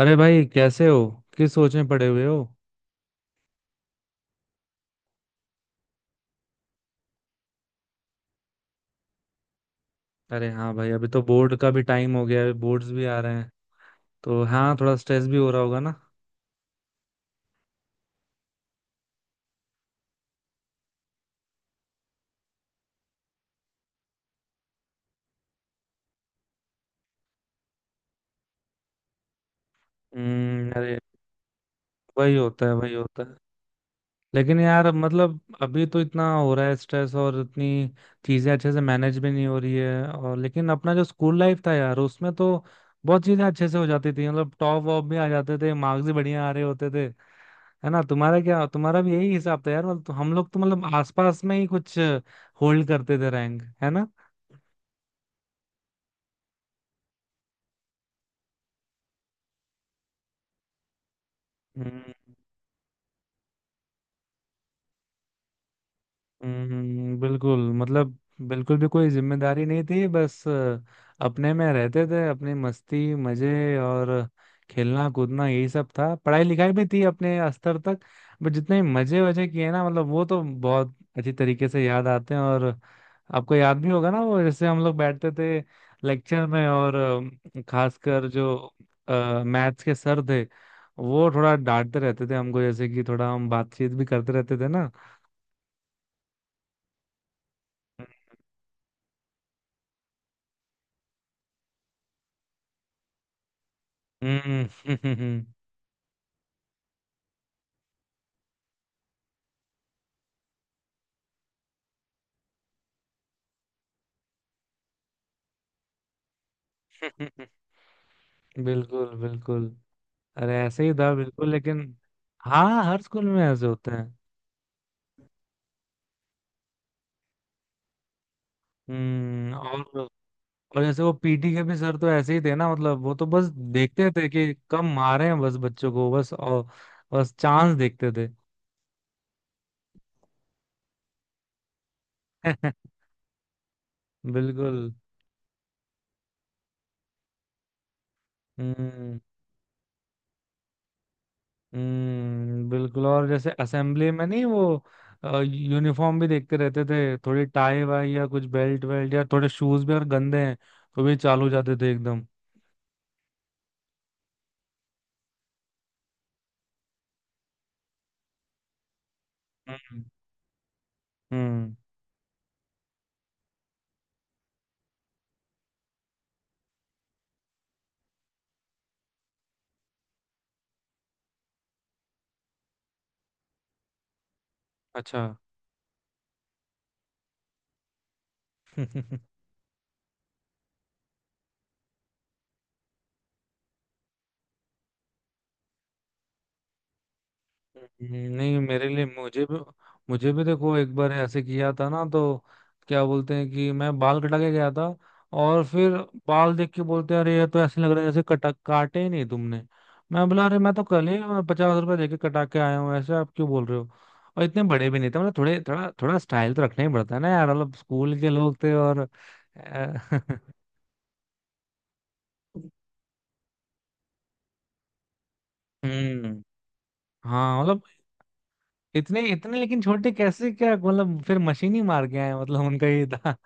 अरे भाई, कैसे हो? किस सोच में पड़े हुए हो? अरे हाँ भाई, अभी तो बोर्ड का भी टाइम हो गया है, बोर्ड्स भी आ रहे हैं। तो हाँ, थोड़ा स्ट्रेस भी हो रहा होगा ना। हम्म। अरे, वही होता है वही होता है। लेकिन यार, मतलब अभी तो इतना हो रहा है स्ट्रेस, और इतनी चीजें अच्छे से मैनेज भी नहीं हो रही है। और लेकिन अपना जो स्कूल लाइफ था यार, उसमें तो बहुत चीजें अच्छे से हो जाती थी। मतलब टॉप वॉप भी आ जाते थे, मार्क्स भी बढ़िया आ रहे होते थे। है ना? तुम्हारा क्या, तुम्हारा भी यही हिसाब था यार? मतलब तो हम लोग तो मतलब आसपास में ही कुछ होल्ड करते थे रैंक, है ना। हम्म, बिल्कुल। मतलब बिल्कुल भी कोई जिम्मेदारी नहीं थी। बस अपने में रहते थे, अपनी मस्ती मजे और खेलना कूदना यही सब था। पढ़ाई लिखाई भी थी अपने स्तर तक। बट जितने मजे वजे किए ना, मतलब वो तो बहुत अच्छी तरीके से याद आते हैं। और आपको याद भी होगा ना, वो जैसे हम लोग बैठते थे लेक्चर में, और खासकर जो मैथ्स के सर थे, वो थोड़ा डांटते रहते थे हमको, जैसे कि थोड़ा हम बातचीत भी करते रहते थे ना। हम्म। बिल्कुल बिल्कुल। अरे, ऐसे ही था बिल्कुल। लेकिन हाँ, हर स्कूल में ऐसे होते हैं। हम्म। और जैसे वो पीटी के भी सर तो ऐसे ही थे ना। मतलब वो तो बस देखते थे कि कम मारे हैं बस बच्चों को, बस। और बस चांस देखते थे। बिल्कुल। हम्म। हम्म, बिल्कुल। और जैसे असेंबली में नहीं, वो यूनिफॉर्म भी देखते रहते थे। थोड़ी टाई वाई या कुछ बेल्ट वेल्ट, या थोड़े शूज भी अगर गंदे हैं तो भी चालू जाते थे एकदम। हम्म। हम्म, अच्छा। नहीं मेरे लिए, मुझे भी देखो, एक बार ऐसे किया था ना। तो क्या बोलते हैं कि मैं बाल कटा के गया था, और फिर बाल देख के बोलते हैं, अरे ये तो ऐसे लग रहा है जैसे कटा काटे ही नहीं तुमने। मैं बोला, अरे मैं तो कल ही 50 रुपए देके कटा के आया हूँ, ऐसे आप क्यों बोल रहे हो? और इतने बड़े भी नहीं थे। मतलब थोड़े थोड़ा थोड़ा स्टाइल तो रखना ही पड़ता है ना यार। मतलब स्कूल के लोग थे और अ, हम्म, हाँ, मतलब इतने इतने लेकिन छोटे कैसे? क्या मतलब फिर मशीन ही मार के आए? मतलब उनका ये था।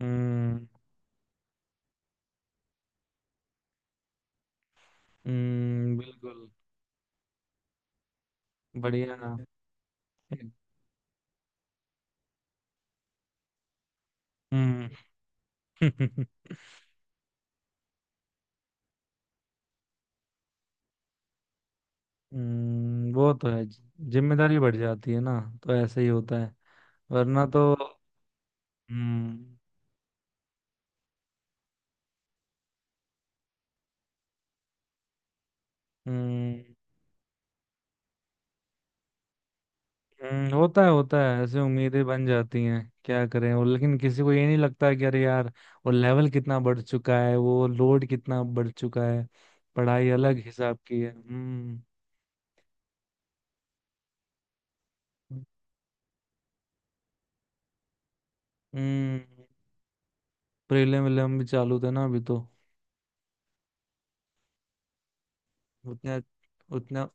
हम्म। बिल्कुल। बढ़िया। हम्म। वो तो है। जिम्मेदारी बढ़ जाती है ना तो ऐसे ही होता है, वरना तो। हम्म। हम्म। होता है होता है, ऐसे उम्मीदें बन जाती हैं, क्या करें। और लेकिन किसी को ये नहीं लगता है कि अरे यार, वो लेवल कितना बढ़ चुका है, वो लोड कितना बढ़ चुका है। पढ़ाई अलग हिसाब की है। हम्म। हम्म। प्रीलिम विलियम भी चालू थे ना अभी तो। उतने उतना।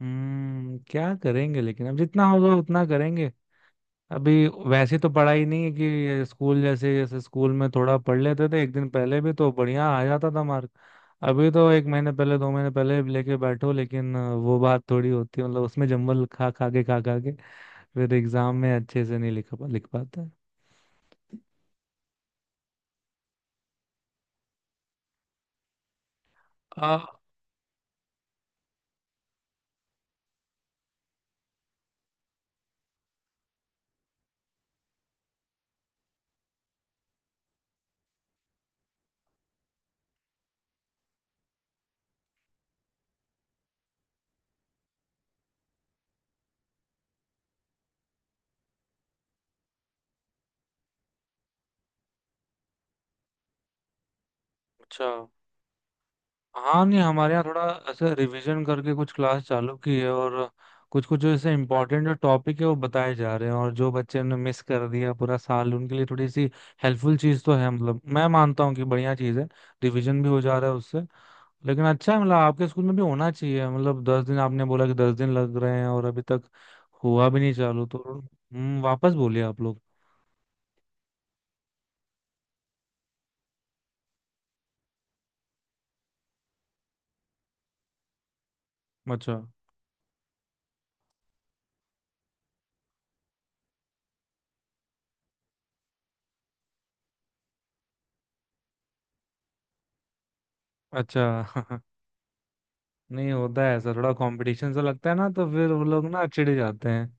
क्या करेंगे, लेकिन अब जितना होगा उतना करेंगे। अभी वैसे तो पढ़ाई नहीं है कि स्कूल, जैसे जैसे स्कूल में थोड़ा पढ़ लेते थे एक दिन पहले भी तो बढ़िया आ जाता था मार्क। अभी तो एक महीने पहले 2 महीने पहले भी लेके बैठो, लेकिन वो बात थोड़ी होती है। मतलब उसमें जम्बल खा खा के फिर एग्जाम में अच्छे से नहीं लिख पाते। आ, अच्छा। हाँ, नहीं हमारे यहाँ थोड़ा ऐसे रिवीजन करके कुछ क्लास चालू की है, और कुछ कुछ जो ऐसे इम्पोर्टेंट जो टॉपिक है वो बताए जा रहे हैं, और जो बच्चे ने मिस कर दिया पूरा साल उनके लिए थोड़ी सी हेल्पफुल चीज़ तो है। मतलब मैं मानता हूँ कि बढ़िया चीज़ है, रिवीजन भी हो जा रहा है उससे। लेकिन अच्छा है, मतलब आपके स्कूल में भी होना चाहिए। मतलब 10 दिन आपने बोला कि 10 दिन लग रहे हैं और अभी तक हुआ भी नहीं चालू तो। वापस बोलिए आप लोग। अच्छा अच्छा। नहीं, होता है ऐसा, थोड़ा कंपटीशन सा लगता है ना तो फिर वो लोग ना चिढ़ जाते हैं।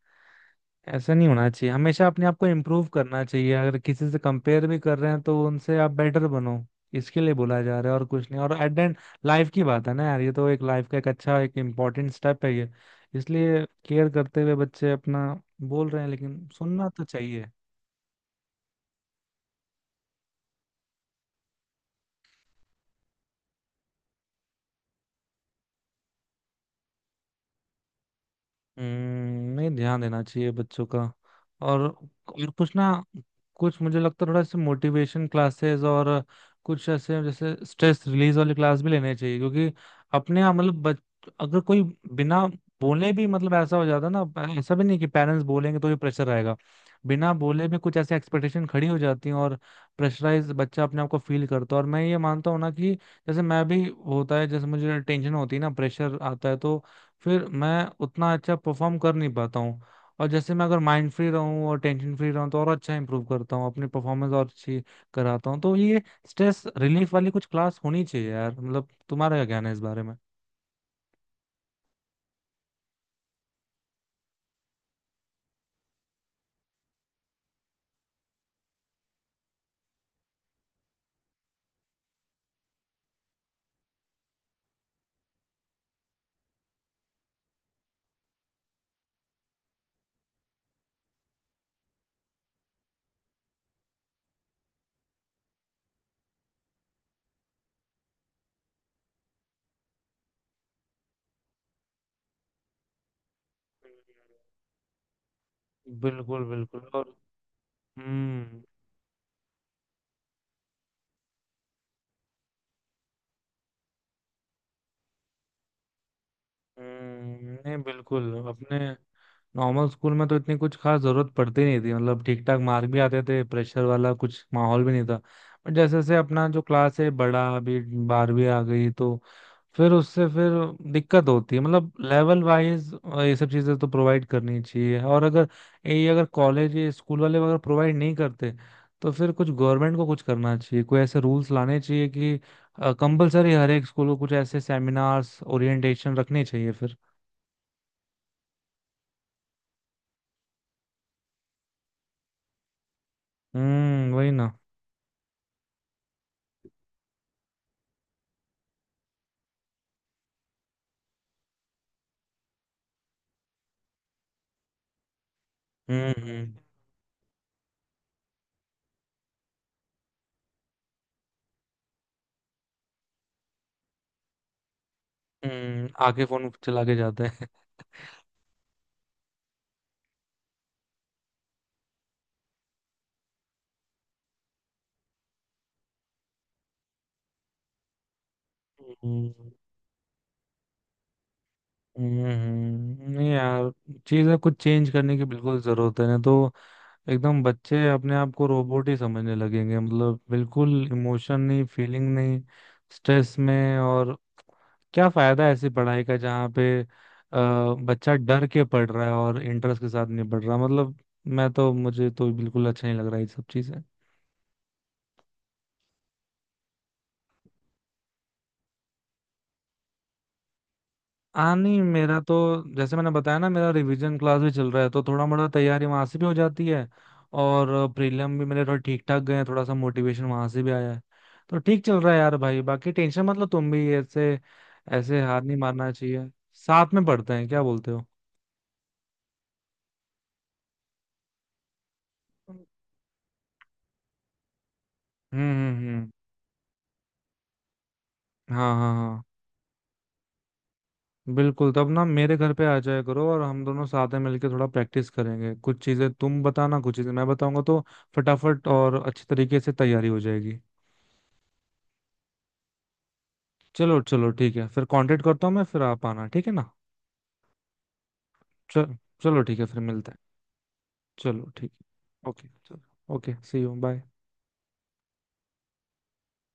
ऐसा नहीं होना चाहिए। हमेशा अपने आप को इम्प्रूव करना चाहिए। अगर किसी से कंपेयर भी कर रहे हैं तो उनसे आप बेटर बनो, इसके लिए बोला जा रहा है और कुछ नहीं। और एट द एंड, लाइफ की बात है ना यार। ये तो एक लाइफ का एक अच्छा एक इम्पोर्टेंट स्टेप है ये। इसलिए केयर करते हुए बच्चे अपना बोल रहे हैं, लेकिन सुनना तो चाहिए। नहीं, ध्यान देना चाहिए बच्चों का। और और कुछ ना कुछ मुझे लगता है थोड़ा ऐसे मोटिवेशन क्लासेस, और कुछ ऐसे जैसे स्ट्रेस रिलीज वाली क्लास भी लेने चाहिए। क्योंकि अपने आप, मतलब बच अगर कोई बिना बोले भी, मतलब ऐसा हो जाता है ना। ऐसा भी नहीं कि पेरेंट्स बोलेंगे तो ये प्रेशर आएगा, बिना बोले भी कुछ ऐसे एक्सपेक्टेशन खड़ी हो जाती हैं, और प्रेशराइज बच्चा अपने आप को फील करता है। और मैं ये मानता हूँ ना कि जैसे मैं भी, होता है जैसे मुझे टेंशन होती है ना, प्रेशर आता है तो फिर मैं उतना अच्छा परफॉर्म कर नहीं पाता हूँ। और जैसे मैं अगर माइंड फ्री रहूँ और टेंशन फ्री रहूँ तो और अच्छा इंप्रूव करता हूँ, अपनी परफॉर्मेंस और अच्छी कराता हूँ। तो ये स्ट्रेस रिलीफ वाली कुछ क्लास होनी चाहिए यार। मतलब तुम्हारा क्या कहना है इस बारे में? बिल्कुल बिल्कुल। और हम्म। नहीं बिल्कुल, अपने नॉर्मल स्कूल में तो इतनी कुछ खास जरूरत पड़ती नहीं थी, मतलब ठीक ठाक मार्क भी आते थे, प्रेशर वाला कुछ माहौल भी नहीं था। बट जैसे जैसे अपना जो क्लास है बड़ा अभी, 12वीं आ गई, तो फिर उससे फिर दिक्कत होती है, मतलब लेवल वाइज। ये सब चीज़ें तो प्रोवाइड करनी चाहिए, और अगर ये अगर कॉलेज, ये स्कूल वाले अगर प्रोवाइड नहीं करते, तो फिर कुछ गवर्नमेंट को कुछ करना चाहिए। कोई ऐसे रूल्स लाने चाहिए कि कंपलसरी हर एक स्कूल को कुछ ऐसे सेमिनार्स ओरिएंटेशन रखने चाहिए फिर। हम्म। वही ना। हम्म। हम्म। आके फोन चला के जाते हैं। हम्म। नहीं यार, चीजें कुछ चेंज करने की बिल्कुल जरूरत है ना, तो एकदम बच्चे अपने आप को रोबोट ही समझने लगेंगे। मतलब बिल्कुल इमोशन नहीं, फीलिंग नहीं, स्ट्रेस में। और क्या फायदा है ऐसी पढ़ाई का जहाँ पे बच्चा डर के पढ़ रहा है और इंटरेस्ट के साथ नहीं पढ़ रहा? मतलब मैं तो मुझे तो बिल्कुल अच्छा नहीं लग रहा है ये सब चीजें। हाँ, नहीं मेरा तो, जैसे मैंने बताया ना, मेरा रिवीजन क्लास भी चल रहा है तो थोड़ा मोड़ा तैयारी वहां से भी हो जाती है। और प्रीलिम भी मेरे थोड़ा ठीक ठाक गए हैं, थोड़ा सा मोटिवेशन वहां से भी आया है। तो ठीक चल रहा है यार भाई, बाकी टेंशन मत लो तुम भी ऐसे। ऐसे हार नहीं मारना चाहिए। साथ में पढ़ते हैं, क्या बोलते हो? हम्म। हम्म। हम्म। हाँ हाँ हाँ। बिल्कुल, तब ना मेरे घर पे आ जाया करो, और हम दोनों साथ में मिलके थोड़ा प्रैक्टिस करेंगे। कुछ चीजें तुम बताना, कुछ चीजें मैं बताऊंगा, तो फटाफट और अच्छी तरीके से तैयारी हो जाएगी। चलो चलो ठीक है, फिर कांटेक्ट करता हूँ मैं, फिर आप आना ठीक है ना। चल, चलो ठीक है फिर मिलते हैं। चलो ठीक है, ओके चलो, ओके सी यू, बाय।